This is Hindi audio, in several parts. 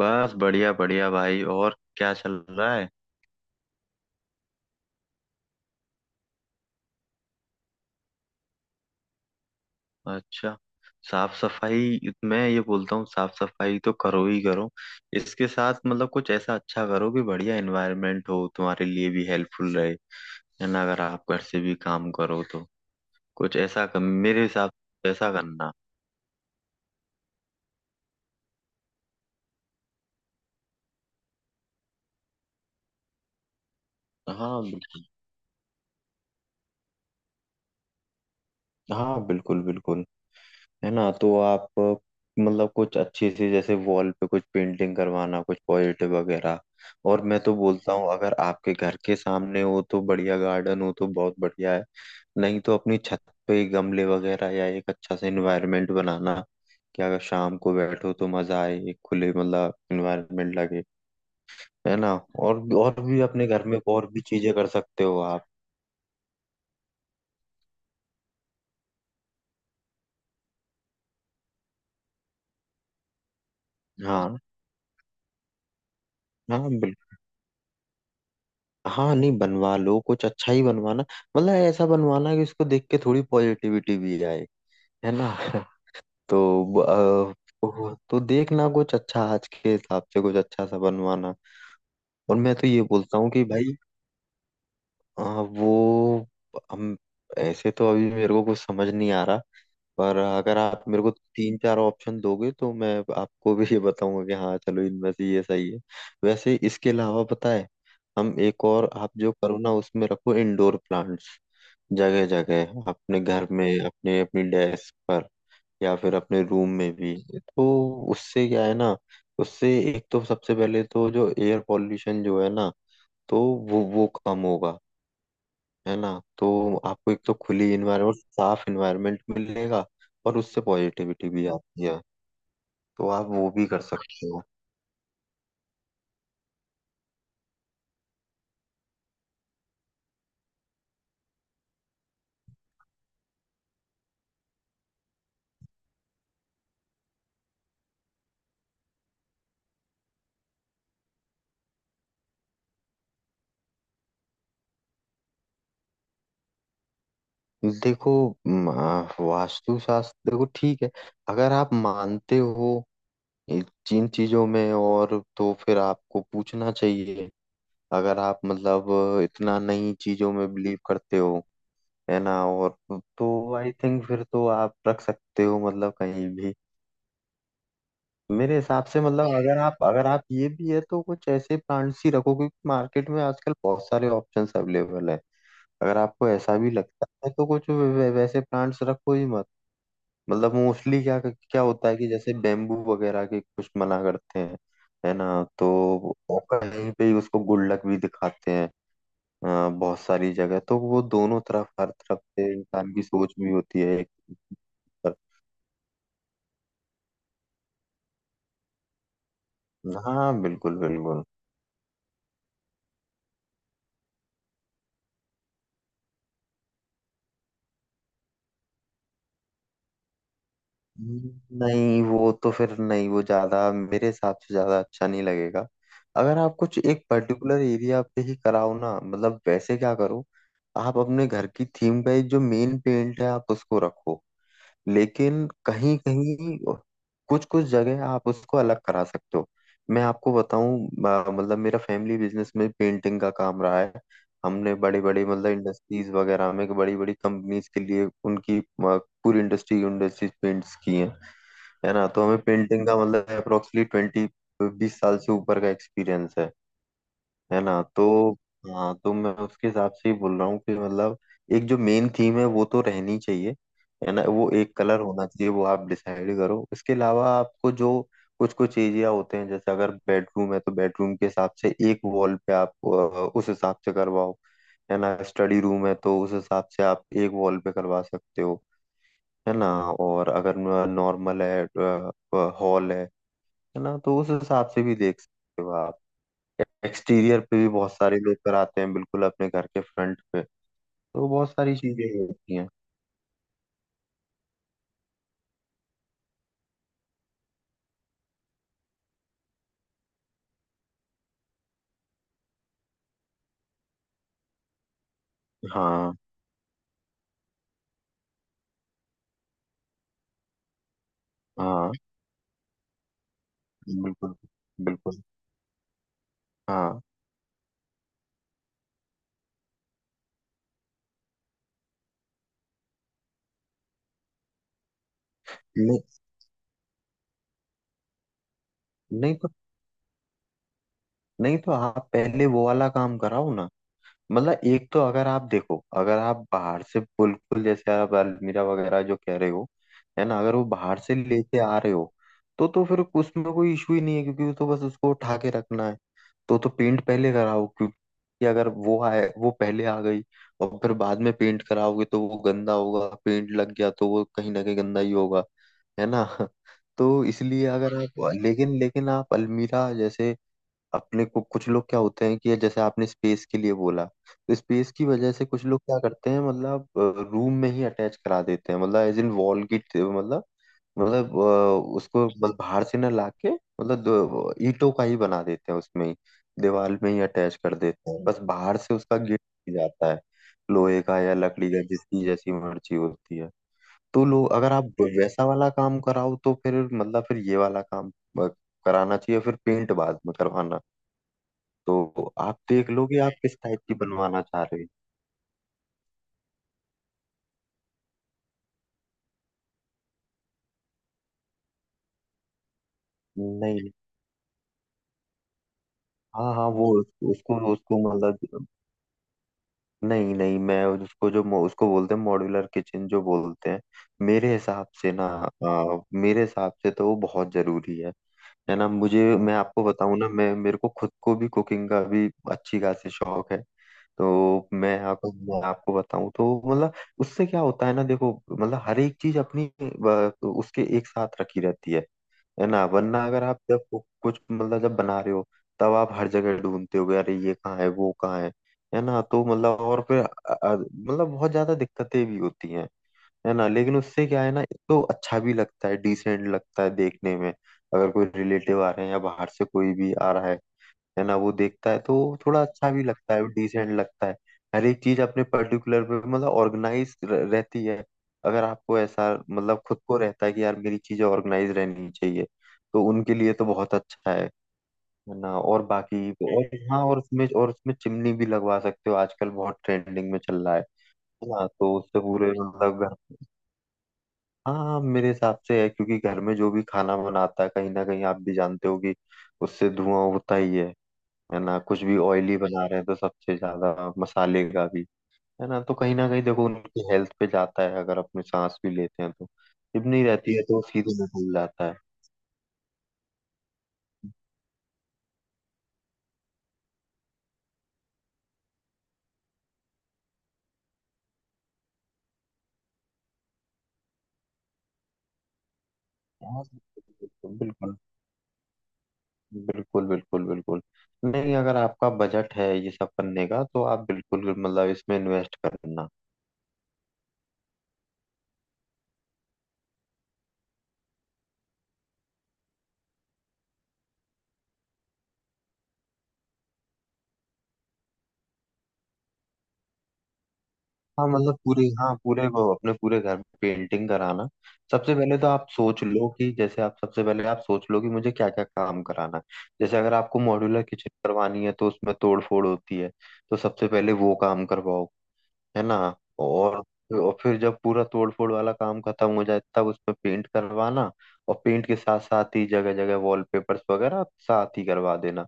बस बढ़िया बढ़िया भाई। और क्या चल रहा है? अच्छा। साफ सफाई। मैं ये बोलता हूँ साफ सफाई तो करो ही करो। इसके साथ मतलब कुछ ऐसा अच्छा करो कि बढ़िया एनवायरनमेंट हो, तुम्हारे लिए भी हेल्पफुल रहे। है ना? अगर आप घर से भी काम करो तो कुछ ऐसा कर, मेरे हिसाब से ऐसा करना। हाँ बिल्कुल। हाँ बिल्कुल बिल्कुल। है ना? तो आप मतलब कुछ अच्छी सी जैसे वॉल पे कुछ पेंटिंग करवाना, कुछ पॉजिटिव वगैरह। और मैं तो बोलता हूँ अगर आपके घर के सामने हो तो बढ़िया, गार्डन हो तो बहुत बढ़िया है। नहीं तो अपनी छत पे गमले वगैरह, या एक अच्छा सा इन्वायरमेंट बनाना कि अगर शाम को बैठो तो मजा आए, एक खुले मतलब इन्वायरमेंट लगे। है ना? और भी अपने घर में और भी चीजें कर सकते हो आप। हाँ हाँ। हाँ नहीं, बनवा लो कुछ अच्छा ही बनवाना। मतलब ऐसा बनवाना कि उसको देख के थोड़ी पॉजिटिविटी भी आए। है ना? तो अ, तो देखना कुछ अच्छा, आज के हिसाब से कुछ अच्छा सा बनवाना। और मैं तो ये बोलता हूँ कि भाई अ, वो हम ऐसे तो अभी मेरे को कुछ समझ नहीं आ रहा। पर अगर आप मेरे को तीन चार ऑप्शन दोगे तो मैं आपको भी ये बताऊंगा कि हाँ चलो इनमें से ये सही है। वैसे इसके अलावा पता है हम एक और आप जो करो ना उसमें रखो इंडोर प्लांट्स। जगह जगह अपने घर में, अपने अपनी डेस्क पर या फिर अपने रूम में भी तो। उससे क्या है ना, उससे एक तो सबसे पहले तो जो एयर पॉल्यूशन जो है ना, तो वो कम होगा। है ना? तो आपको एक तो खुली इन्वायरमेंट, साफ इन्वायरमेंट मिलेगा। और उससे पॉजिटिविटी भी आती है। तो आप वो भी कर सकते हो। देखो वास्तु शास्त्र देखो ठीक है। अगर आप मानते हो ये जिन चीजों में, और तो फिर आपको पूछना चाहिए। अगर आप मतलब इतना नई चीजों में बिलीव करते हो, है ना? और तो आई थिंक फिर तो आप रख सकते हो मतलब कहीं भी। मेरे हिसाब से मतलब अगर आप ये भी है तो कुछ ऐसे प्लांट्स ही रखो, क्योंकि मार्केट में आजकल बहुत सारे ऑप्शंस अवेलेबल है। अगर आपको ऐसा भी लगता है तो कुछ वैसे प्लांट्स रखो ही मत। मतलब मोस्टली क्या क्या होता है कि जैसे बेम्बू वगैरह के कुछ मना करते हैं। है ना? तो वो कहीं पे ही उसको गुल्लक भी दिखाते हैं। बहुत सारी जगह तो वो दोनों तरफ, हर तरफ से इंसान की सोच भी होती है एक तरफ। हाँ बिल्कुल बिल्कुल। नहीं, वो तो फिर नहीं, वो ज्यादा मेरे हिसाब से ज्यादा अच्छा नहीं लगेगा। अगर आप कुछ एक पर्टिकुलर एरिया पे ही कराओ ना, मतलब वैसे क्या करो, आप अपने घर की थीम का एक जो मेन पेंट है, आप उसको रखो। लेकिन कहीं कहीं, कुछ कुछ जगह आप उसको अलग करा सकते हो। मैं आपको बताऊं, मतलब मेरा फैमिली बिजनेस में पेंटिंग का काम रहा है। हमने बड़े बड़े मतलब इंडस्ट्रीज वगैरह में, बड़ी बड़ी कंपनीज के लिए उनकी पूरी इंडस्ट्रीज पेंट्स की हैं। है ना? तो हमें पेंटिंग का मतलब अप्रोक्सली 20, 20 साल से ऊपर का एक्सपीरियंस है। है ना? तो हाँ, तो मैं उसके हिसाब से ही बोल रहा हूँ कि मतलब एक जो मेन थीम है वो तो रहनी चाहिए। है ना? वो एक कलर होना चाहिए, वो आप डिसाइड करो। इसके अलावा आपको जो कुछ कुछ एरिया होते हैं, जैसे अगर बेडरूम है तो बेडरूम के हिसाब से एक वॉल पे आप उस हिसाब से करवाओ। है ना? स्टडी रूम है तो उस हिसाब से आप एक वॉल पे करवा सकते हो। है ना? और अगर नॉर्मल है, हॉल है ना, तो उस हिसाब से भी देख सकते हो आप। एक्सटीरियर पे भी बहुत सारे लोग कराते हैं, बिल्कुल अपने घर के फ्रंट पे। तो बहुत सारी चीजें ही होती हैं। हाँ हाँ। बिल्कुल बिल्कुल। हाँ, नहीं नहीं तो, आप पहले वो वाला काम कराओ ना। मतलब एक तो अगर आप देखो, अगर आप बाहर से बिल्कुल, जैसे आप अलमीरा वगैरह जो कह रहे हो, है ना, अगर वो बाहर से लेके आ रहे हो, तो फिर उसमें कोई इशू ही नहीं है क्योंकि वो तो बस उसको उठा के रखना है। तो पेंट पहले कराओ, क्योंकि अगर वो आए, वो पहले आ गई और फिर बाद में पेंट कराओगे तो वो गंदा होगा, पेंट लग गया तो वो कहीं ना कहीं गंदा ही होगा। है ना? तो इसलिए अगर आप, लेकिन लेकिन आप अलमीरा जैसे अपने को, कुछ लोग क्या होते हैं कि जैसे आपने स्पेस के लिए बोला, तो स्पेस की वजह से कुछ लोग क्या करते हैं, मतलब रूम में ही अटैच करा देते हैं, मतलब एज इन वॉल की। मतलब उसको बस बाहर से ना लाके, मतलब ईंटों का ही बना देते हैं, उसमें ही दीवार में ही अटैच कर देते हैं। बस बाहर से उसका गेट जाता है, लोहे का या लकड़ी का, जिसकी जैसी मर्जी होती है। तो लोग, अगर आप वैसा वाला काम कराओ तो फिर मतलब फिर ये वाला काम अ, कराना चाहिए, फिर पेंट बाद में करवाना। तो आप देख लो कि आप किस टाइप की बनवाना चाह रहे हो। नहीं नहीं। हाँ हाँ। वो, उसको उसको मतलब, नहीं नहीं, मैं उसको जो उसको बोलते हैं मॉड्यूलर किचन जो बोलते हैं। मेरे हिसाब से ना, मेरे हिसाब से तो वो बहुत जरूरी है। है ना? मुझे, मैं आपको बताऊं ना, मैं मेरे को खुद को भी कुकिंग का भी अच्छी खासी शौक है। तो मैं आपको बताऊं तो मतलब उससे क्या होता है ना, देखो, मतलब हर एक चीज अपनी उसके एक साथ रखी रहती है। है ना? वरना अगर आप जब कुछ मतलब जब बना रहे हो, तब आप हर जगह ढूंढते हो अरे ये कहाँ है वो कहाँ है। है ना? तो मतलब, और फिर मतलब बहुत ज्यादा दिक्कतें भी होती हैं। है ना? लेकिन उससे क्या है ना, एक तो अच्छा भी लगता है, डिसेंट लगता है देखने में। अगर कोई रिलेटिव आ रहे हैं या बाहर से कोई भी आ रहा है ना, वो देखता है तो थोड़ा अच्छा भी लगता है, डिसेंट लगता है। हर एक चीज अपने पर्टिकुलर पे मतलब ऑर्गेनाइज रहती है। अगर आपको ऐसा मतलब खुद को रहता है कि यार मेरी चीजें ऑर्गेनाइज रहनी चाहिए, तो उनके लिए तो बहुत अच्छा है। है ना? और बाकी। और हाँ, और उसमें, चिमनी भी लगवा सकते हो, आजकल बहुत ट्रेंडिंग में चल रहा है। हाँ, तो उससे पूरे मतलब घर। हाँ मेरे हिसाब से है, क्योंकि घर में जो भी खाना बनाता है कहीं ना कहीं आप भी जानते हो कि उससे धुआं होता ही है। है ना? कुछ भी ऑयली बना रहे हैं तो सबसे ज्यादा मसाले का भी। है ना? तो कहीं ना कहीं देखो उनकी हेल्थ पे जाता है। अगर अपने सांस भी लेते हैं तो, चिमनी रहती है तो सीधे में घुल जाता है। हाँ, बिल्कुल बिल्कुल बिल्कुल बिल्कुल। नहीं, अगर आपका बजट है ये सब करने का तो आप बिल्कुल मतलब इसमें इन्वेस्ट करना। हाँ मतलब पूरी, हाँ पूरे वो अपने पूरे घर में पेंटिंग कराना। सबसे पहले तो आप सोच लो कि जैसे आप सबसे पहले आप सोच लो कि मुझे क्या क्या काम कराना है। जैसे अगर आपको मॉड्यूलर किचन करवानी है तो उसमें तोड़ फोड़ होती है। तो सबसे पहले वो काम करवाओ। है ना? और फिर जब पूरा तोड़ फोड़ वाला काम खत्म हो जाए, तब उसमें पेंट करवाना। और पेंट के साथ साथ ही जगह जगह वॉलपेपर्स वगैरह साथ ही करवा देना।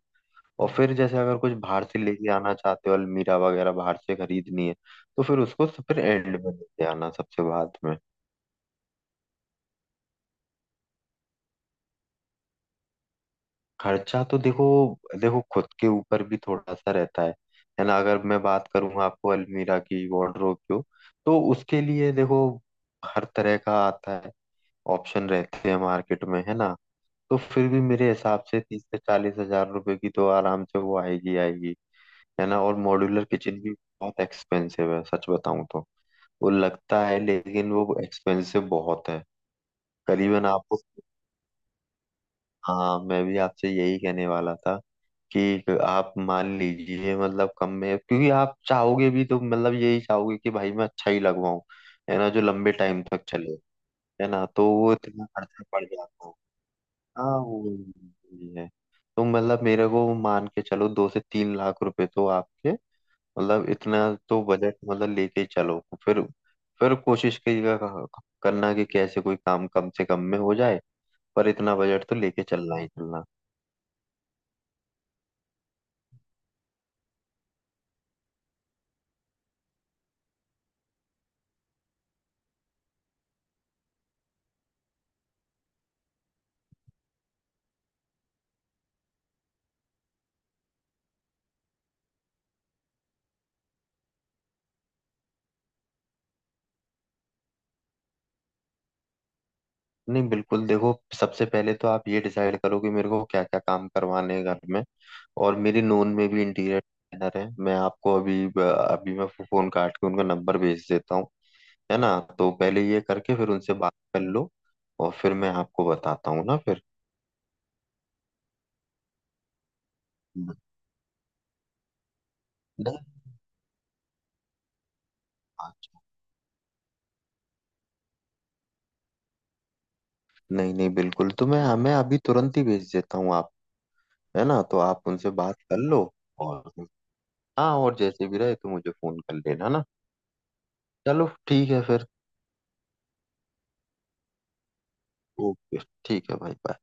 और फिर जैसे अगर कुछ बाहर से लेके आना चाहते हो, अलमीरा वगैरह बाहर से खरीदनी है, तो फिर उसको फिर एंड में लेके आना, सबसे बाद में। खर्चा तो देखो, देखो खुद के ऊपर भी थोड़ा सा रहता है। है ना? अगर मैं बात करूँ आपको अलमीरा की, वार्डरोब की, तो उसके लिए देखो हर तरह का आता है। ऑप्शन रहते हैं मार्केट में, है ना? तो फिर भी मेरे हिसाब से 30 से 40 हजार रुपए की तो आराम से वो आएगी आएगी। है ना? और मॉड्यूलर किचन भी बहुत एक्सपेंसिव है, सच बताऊं तो। वो लगता है, लेकिन वो एक्सपेंसिव बहुत है। करीबन आपको, हाँ मैं भी आपसे यही कहने वाला था कि आप मान लीजिए मतलब कम में, क्योंकि आप चाहोगे भी तो मतलब यही चाहोगे कि भाई मैं अच्छा ही लगवाऊं। है ना? जो लंबे टाइम तक चले। है ना? तो वो इतना खर्चा पड़ जाता है। हाँ वो भी है। तो मतलब मेरे को मान के चलो 2 से 3 लाख रुपए तो आपके, मतलब इतना, तो बजट मतलब लेके चलो। फिर कोशिश कीजिएगा करना कि कैसे कोई काम कम से कम में हो जाए। पर इतना बजट तो लेके चलना ही चलना। नहीं बिल्कुल, देखो, सबसे पहले तो आप ये डिसाइड करो कि मेरे को क्या क्या काम करवाने हैं घर में। और मेरी नोन में भी इंटीरियर डिजाइनर है, मैं आपको अभी अभी मैं फोन काट के उनका नंबर भेज देता हूँ। है ना? तो पहले ये करके फिर उनसे बात कर लो। और फिर मैं आपको बताता हूँ ना फिर। हम्म। डन। नहीं नहीं, बिल्कुल, तो मैं अभी तुरंत ही भेज देता हूँ आप। है ना? तो आप उनसे बात कर लो। और हाँ, और जैसे भी रहे तो मुझे फोन कर लेना ना। चलो ठीक है फिर। ओके। ठीक है भाई। बाय।